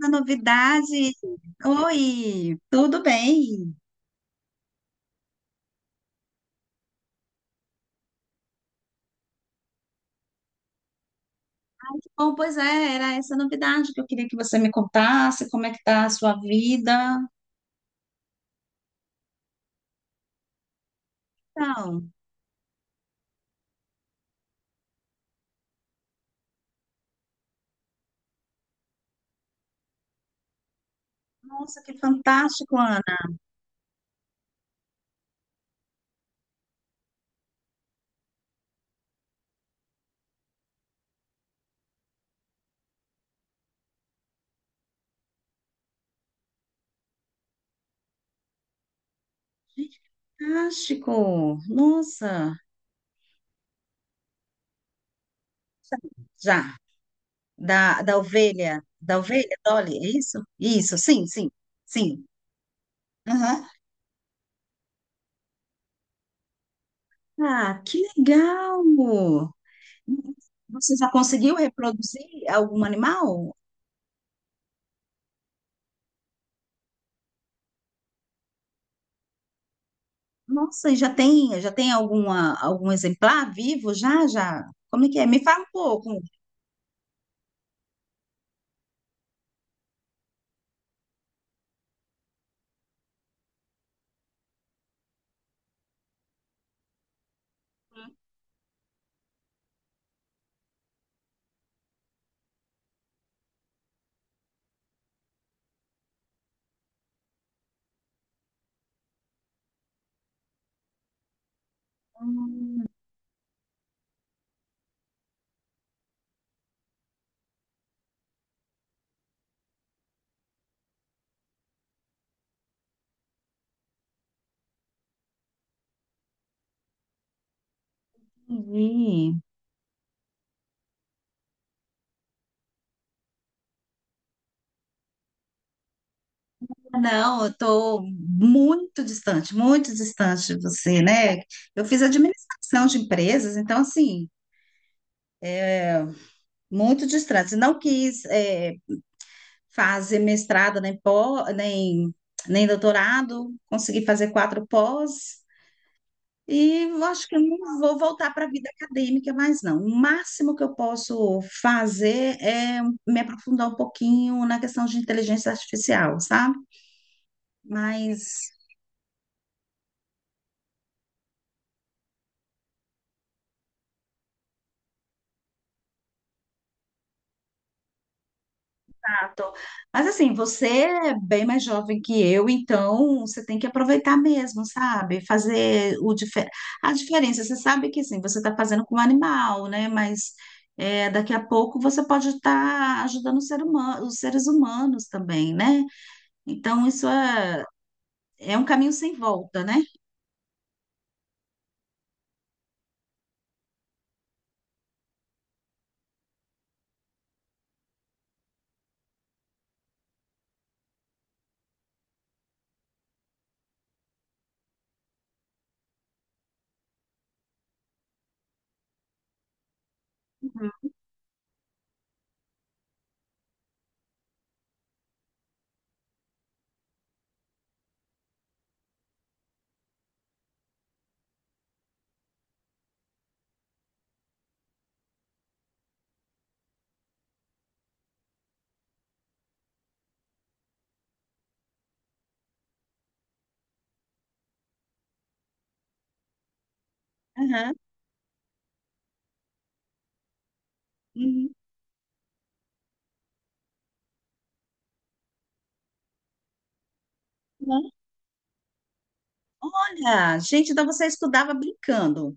Da novidade. Oi, tudo bem? Bom, pois é, era essa novidade que eu queria que você me contasse, como é que tá a sua vida. Então, nossa, que fantástico, Ana. Fantástico. Nossa. Já, da ovelha, da ovelha, Dolly, é isso? Isso, sim, sim, sim. Aham. Ah, que legal! Você já conseguiu reproduzir algum animal? Nossa, e já tem alguma, algum exemplar vivo? Já, já? Como é que é? Me fala um pouco. Entendi. Não, eu estou muito distante de você, né? Eu fiz administração de empresas, então, assim, muito distante. Não quis, fazer mestrado, nem, pó, nem, nem doutorado, consegui fazer quatro pós. E eu acho que eu não vou voltar para a vida acadêmica mais, não. O máximo que eu posso fazer é me aprofundar um pouquinho na questão de inteligência artificial, sabe? Mas, ah, tô- mas assim, você é bem mais jovem que eu, então você tem que aproveitar mesmo, sabe? Fazer o a diferença. Você sabe que sim, você está fazendo com um animal, né? Mas é, daqui a pouco você pode estar ajudando o ser humano, os seres humanos também, né? Então, isso é. É um caminho sem volta, né? Aham. Uhum. Olha, gente, então você estudava brincando.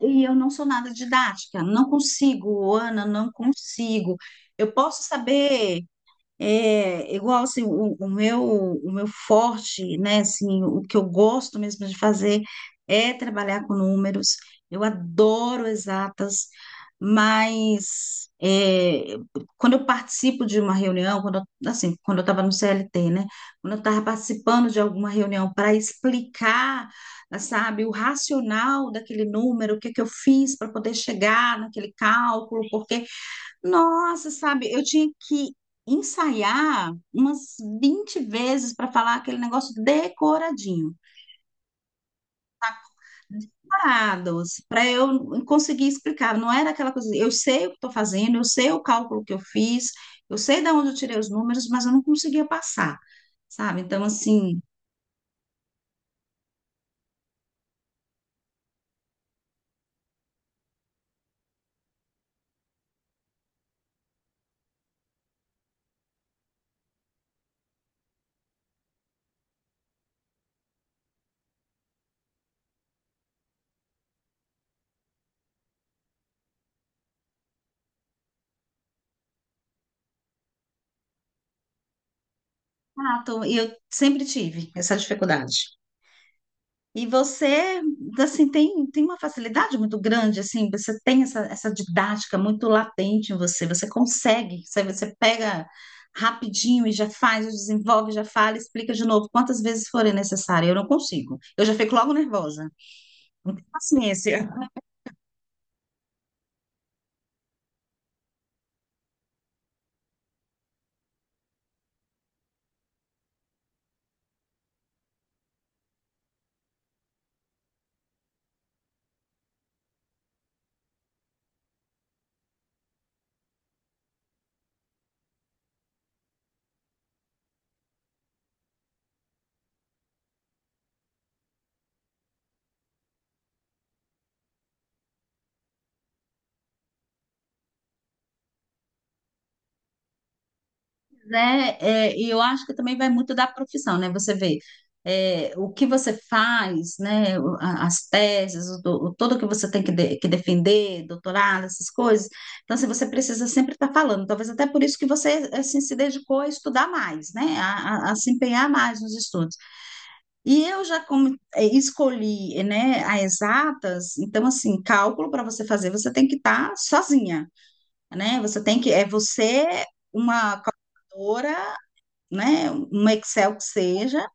E eu não sou nada didática, não consigo, Ana, não consigo. Eu posso saber. É igual assim, o meu forte, né, assim, o que eu gosto mesmo de fazer é trabalhar com números. Eu adoro exatas, mas é, quando eu participo de uma reunião, assim, quando eu estava no CLT, né, quando eu estava participando de alguma reunião para explicar, sabe, o racional daquele número, o que que eu fiz para poder chegar naquele cálculo, porque nossa, sabe, eu tinha que ensaiar umas 20 vezes para falar aquele negócio decoradinho, separados, para eu conseguir explicar. Não era aquela coisa, eu sei o que estou fazendo, eu sei o cálculo que eu fiz, eu sei de onde eu tirei os números, mas eu não conseguia passar, sabe? Então, assim, e eu sempre tive essa dificuldade. E você, assim, tem, tem uma facilidade muito grande, assim, você tem essa, essa didática muito latente em você, você consegue, você pega rapidinho e já faz, já desenvolve, já fala, explica de novo quantas vezes forem necessário. Eu não consigo. Eu já fico logo nervosa. Não tenho paciência. Né? É, e eu acho que também vai muito da profissão, né? Você vê é, o que você faz, né? As teses, o, tudo que você tem que, que defender, doutorado, essas coisas. Então, assim, você precisa sempre estar falando. Talvez até por isso que você assim, se dedicou a estudar mais, né? A se empenhar mais nos estudos. E eu já como, é, escolhi, né? A exatas. Então, assim, cálculo para você fazer, você tem que estar sozinha, né? Você tem que é você uma calculadora, né, um Excel que seja,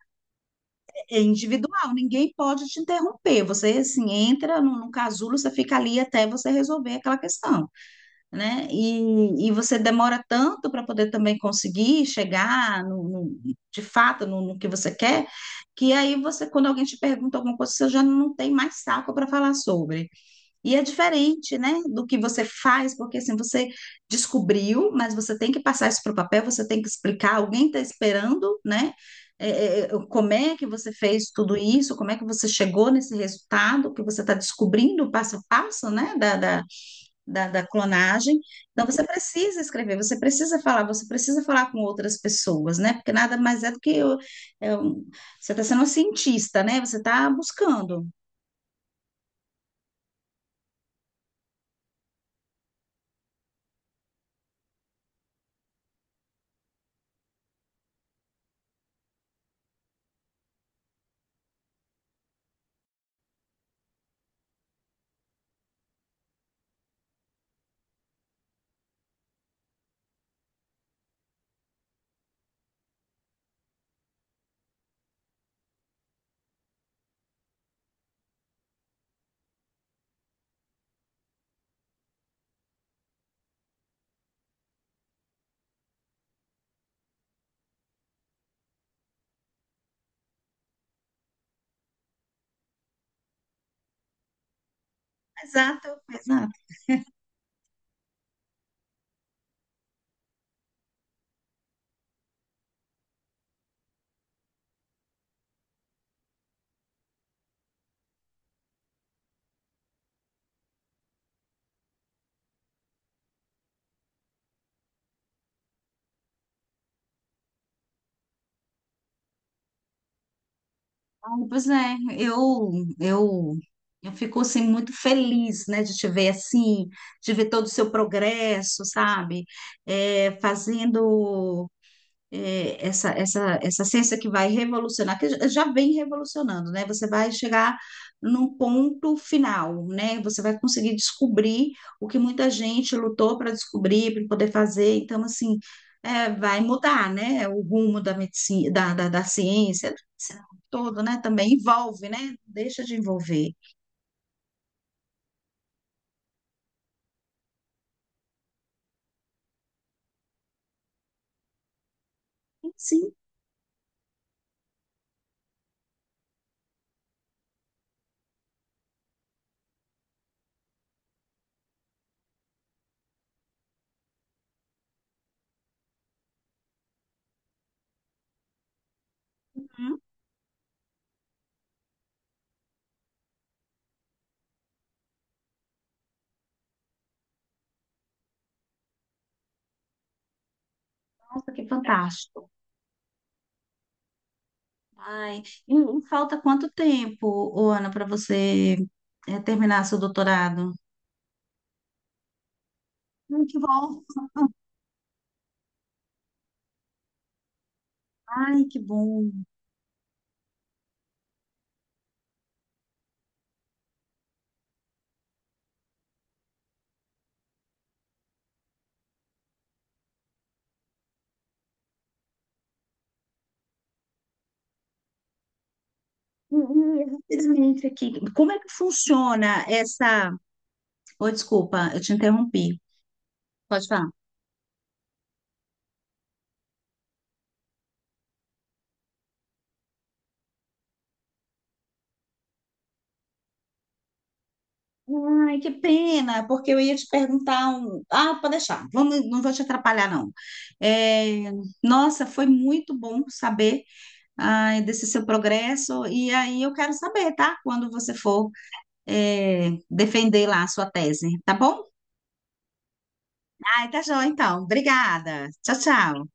é individual, ninguém pode te interromper. Você, assim, entra no casulo, você fica ali até você resolver aquela questão, né? E você demora tanto para poder também conseguir chegar no, no- de fato no, no que você quer, que aí você, quando alguém te pergunta alguma coisa, você já não tem mais saco para falar sobre. E é diferente, né, do que você faz, porque assim, você descobriu, mas você tem que passar isso para o papel, você tem que explicar, alguém está esperando, né? É, é, como é que você fez tudo isso, como é que você chegou nesse resultado, que você está descobrindo passo a passo, né, da clonagem. Então, você precisa escrever, você precisa falar com outras pessoas, né? Porque nada mais é do que é você está sendo um cientista, né? Você está buscando. Exato, exato. Ai, pois é, eu, eu fico assim muito feliz, né, de te ver assim, de ver todo o seu progresso, sabe? É, fazendo é, essa ciência que vai revolucionar, que já já vem revolucionando, né? Você vai chegar num ponto final, né? Você vai conseguir descobrir o que muita gente lutou para descobrir, para poder fazer. Então, assim, é, vai mudar, né? O rumo da medicina, da ciência, da medicina como um todo, né? Também envolve, né? Deixa de envolver. Sim. Uhum. Nossa, que fantástico. Ai, e falta quanto tempo, ô, Ana, para você é, terminar seu doutorado? Ai, que bom. Ai, que bom. E, rapidamente aqui, como é que funciona essa... Oh, desculpa, eu te interrompi. Pode falar. Ai, que pena, porque eu ia te perguntar um... Ah, pode deixar, vamos, não vou te atrapalhar, não. É, nossa, foi muito bom saber ai, desse seu progresso, e aí eu quero saber, tá? Quando você for é, defender lá a sua tese, tá bom? Ai, tá joia, então. Obrigada. Tchau, tchau.